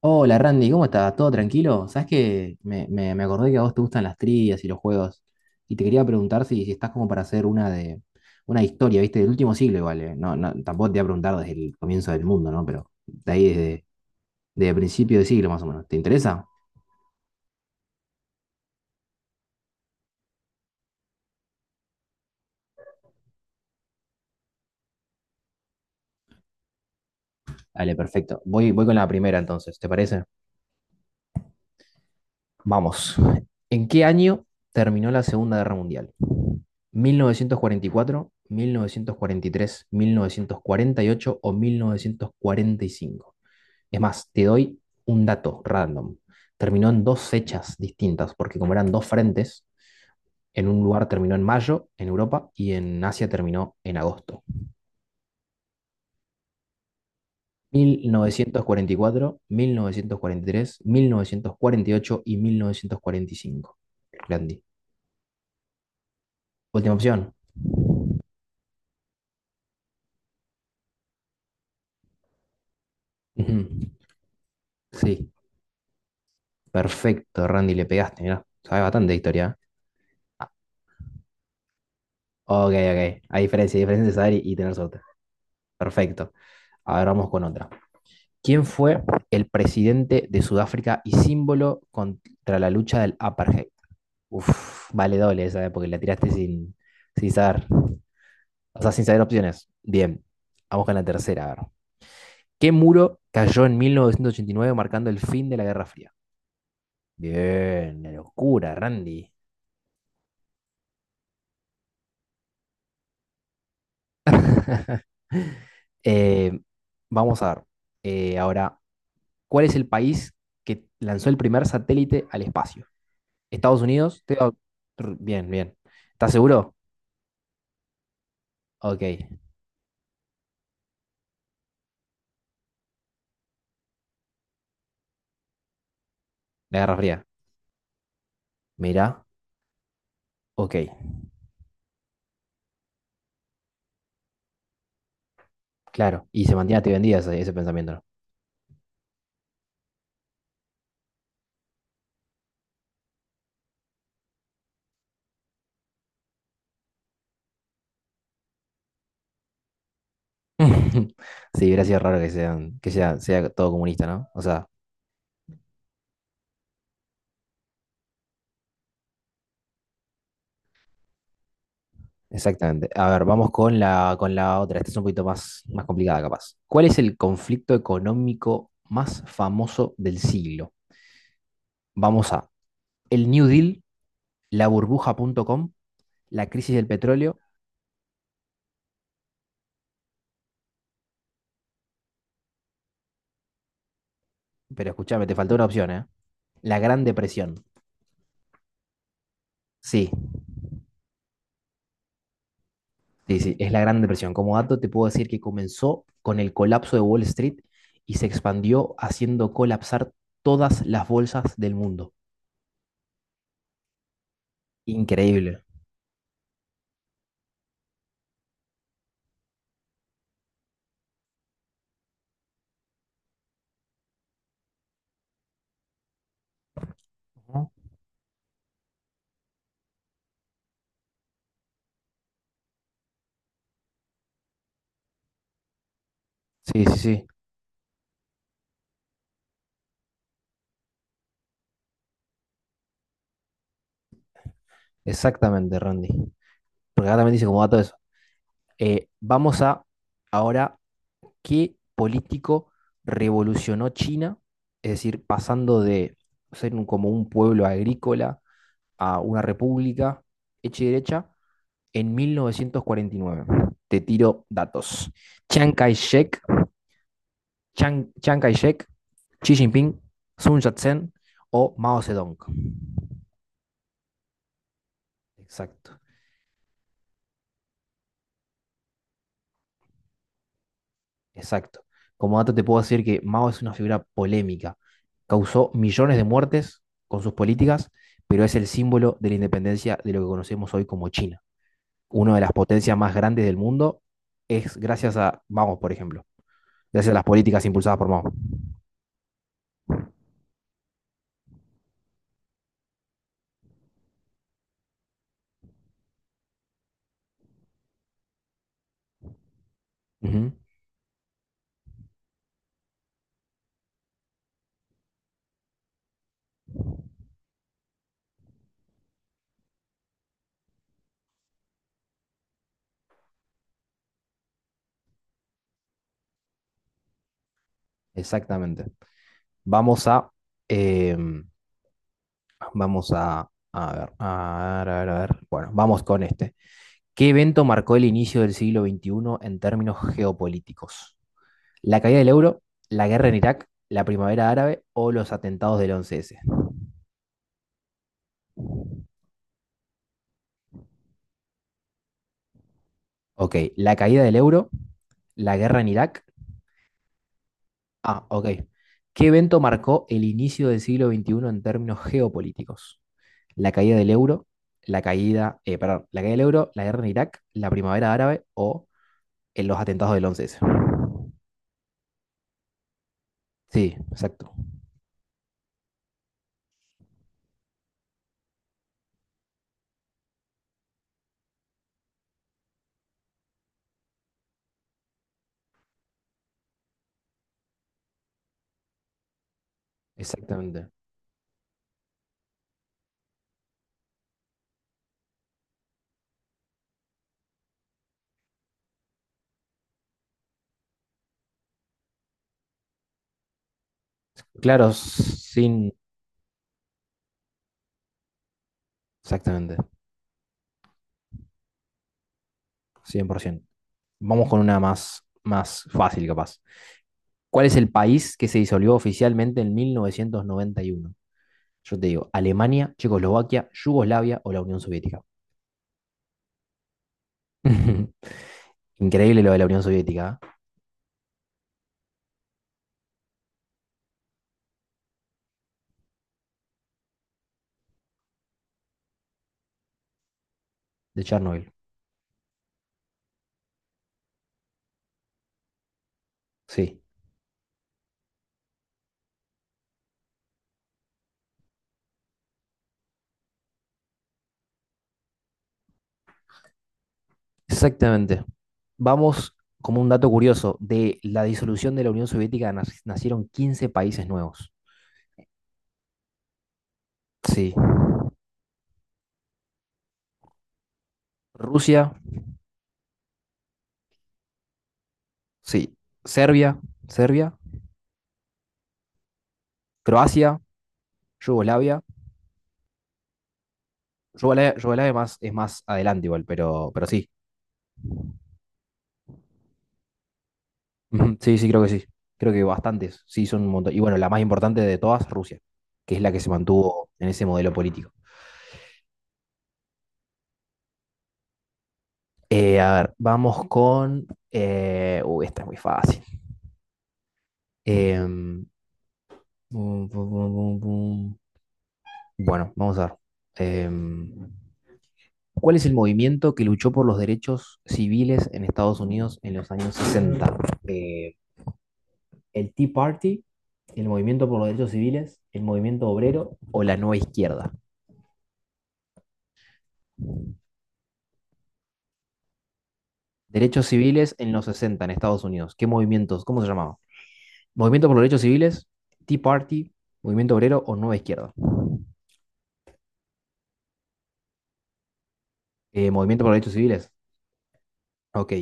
Hola Randy, ¿cómo estás? ¿Todo tranquilo? Sabes que me acordé que a vos te gustan las trivias y los juegos, y te quería preguntar si estás como para hacer una historia, ¿viste? Del último siglo igual. No, no, tampoco te voy a preguntar desde el comienzo del mundo, ¿no? Pero de ahí desde principio del siglo más o menos. ¿Te interesa? Dale, perfecto. Voy con la primera entonces, ¿te parece? Vamos. ¿En qué año terminó la Segunda Guerra Mundial? Mil novecientos cuarenta y cuatro, tres, 1948 o 1945. Es más, te doy un dato random. Terminó en dos fechas distintas, porque como eran dos frentes, en un lugar terminó en mayo, en Europa, y en Asia terminó en agosto. 1944, 1943, 1948 y 1945. Randy. Última opción. Sí, perfecto, Randy, le pegaste, mirá. Sabes bastante de historia, ¿eh? Ah, ok, ok. Hay diferencia de saber y tener suerte. Perfecto. Ahora vamos con otra. ¿Quién fue el presidente de Sudáfrica y símbolo contra la lucha del apartheid? Uf, vale doble esa, porque la tiraste sin saber, o sea, sin saber opciones. Bien, vamos con la tercera, a ver. ¿Qué muro cayó en 1989 marcando el fin de la Guerra Fría? Bien, la locura, Randy. Eh, Vamos a ver. Ahora, ¿cuál es el país que lanzó el primer satélite al espacio? Estados Unidos, te digo. Bien, bien. ¿Estás seguro? Ok, la Guerra Fría. Mirá, ok, claro. Y se mantiene te vendida ese pensamiento, ¿no? Sí, hubiera sido raro que sea todo comunista, ¿no? O sea, exactamente. A ver, vamos con la otra. Esta es un poquito más, más complicada, capaz. ¿Cuál es el conflicto económico más famoso del siglo? Vamos a el New Deal, la burbuja punto .com, la crisis del petróleo. Pero escúchame, te faltó una opción, ¿eh? La Gran Depresión. Sí, sí, sí, es la Gran Depresión. Como dato, te puedo decir que comenzó con el colapso de Wall Street y se expandió haciendo colapsar todas las bolsas del mundo. Increíble. Ujú. Sí, sí, sí, exactamente, Randy. Porque acá también dice como dato eso. Vamos a Ahora, qué político revolucionó China, es decir, pasando de ser como un pueblo agrícola a una república hecha y derecha en 1949. Te tiro datos. Chiang Kai-shek, Chiang Kai-shek, Xi Jinping, Sun Yat-sen o Mao Zedong. Exacto, exacto. Como dato te puedo decir que Mao es una figura polémica. Causó millones de muertes con sus políticas, pero es el símbolo de la independencia de lo que conocemos hoy como China. Una de las potencias más grandes del mundo es gracias a Mao, por ejemplo. Gracias a las políticas impulsadas por Mao. Ujú, exactamente. Vamos a, em, vamos a, A ver, a ver. Bueno, vamos con este. ¿Qué evento marcó el inicio del siglo XXI en términos geopolíticos? ¿La caída del euro, la guerra en Irak, la primavera árabe o los atentados del 11S? Ok, la caída del euro, la guerra en Irak. Ah, ok. ¿Qué evento marcó el inicio del siglo XXI en términos geopolíticos? ¿La caída del euro, la caída, perdón, la caída del euro, la guerra en Irak, la primavera árabe o en los atentados del 11S? Sí, exacto, exactamente. Claro, sin, exactamente, 100%. Vamos con una más, más fácil, capaz. ¿Cuál es el país que se disolvió oficialmente en 1991? Yo te digo, Alemania, Checoslovaquia, Yugoslavia o la Unión Soviética. Increíble lo de la Unión Soviética, ¿eh? De Chernobyl. Sí, exactamente. Vamos, como un dato curioso, de la disolución de la Unión Soviética nacieron 15 países nuevos. Sí. Rusia, sí, Serbia, Serbia, Croacia, Yugoslavia. Yugoslavia, Yugoslavia más, es más adelante igual, pero sí. Ujú. Sí, sí. Creo que bastantes. Sí, son un montón. Y bueno, la más importante de todas, Rusia, que es la que se mantuvo en ese modelo político. A ver, vamos con... uy, esta es muy fácil. Em, Pum, pum, pum, pum, pum. Bueno, vamos a ver. Em, ¿Cuál es el movimiento que luchó por los derechos civiles en Estados Unidos en los años 60? Eh, el Tea Party, el movimiento por los derechos civiles, el movimiento obrero o la nueva izquierda. Derechos civiles en los 60 en Estados Unidos. ¿Qué movimientos? ¿Cómo se llamaba? Movimiento por los derechos civiles, Tea Party, movimiento obrero o nueva izquierda. Movimiento por los derechos civiles. Ok,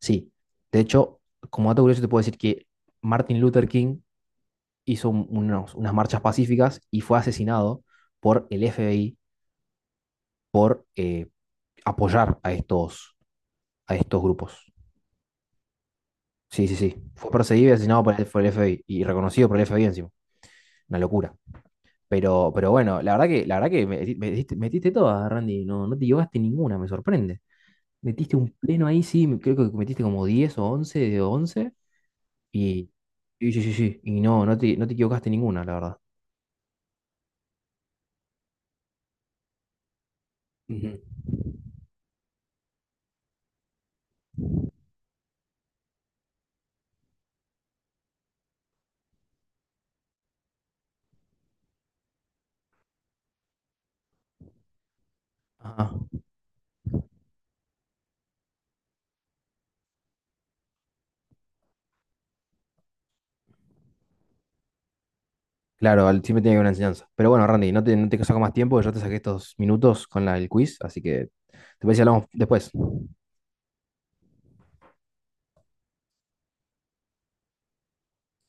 sí. De hecho, como dato curioso te puedo decir que Martin Luther King hizo unas marchas pacíficas y fue asesinado por el FBI por apoyar a estos grupos. Sí, sí, sí. Fue perseguido y asesinado por el FBI y reconocido por el FBI encima. Una locura. Pero bueno, la verdad que metiste todas, Randy. No, no te llevaste ninguna, me sorprende. Metiste un pleno ahí, sí, creo que metiste como 10 o 11 de 11. Y sí, sí, sí, sí. Y no, no te equivocaste ninguna, la verdad. Ujú. Ajá. Claro, siempre tiene que haber una enseñanza. Pero bueno, Randy, no te saco más tiempo, yo te saqué estos minutos con el quiz, así que te parece que hablamos después.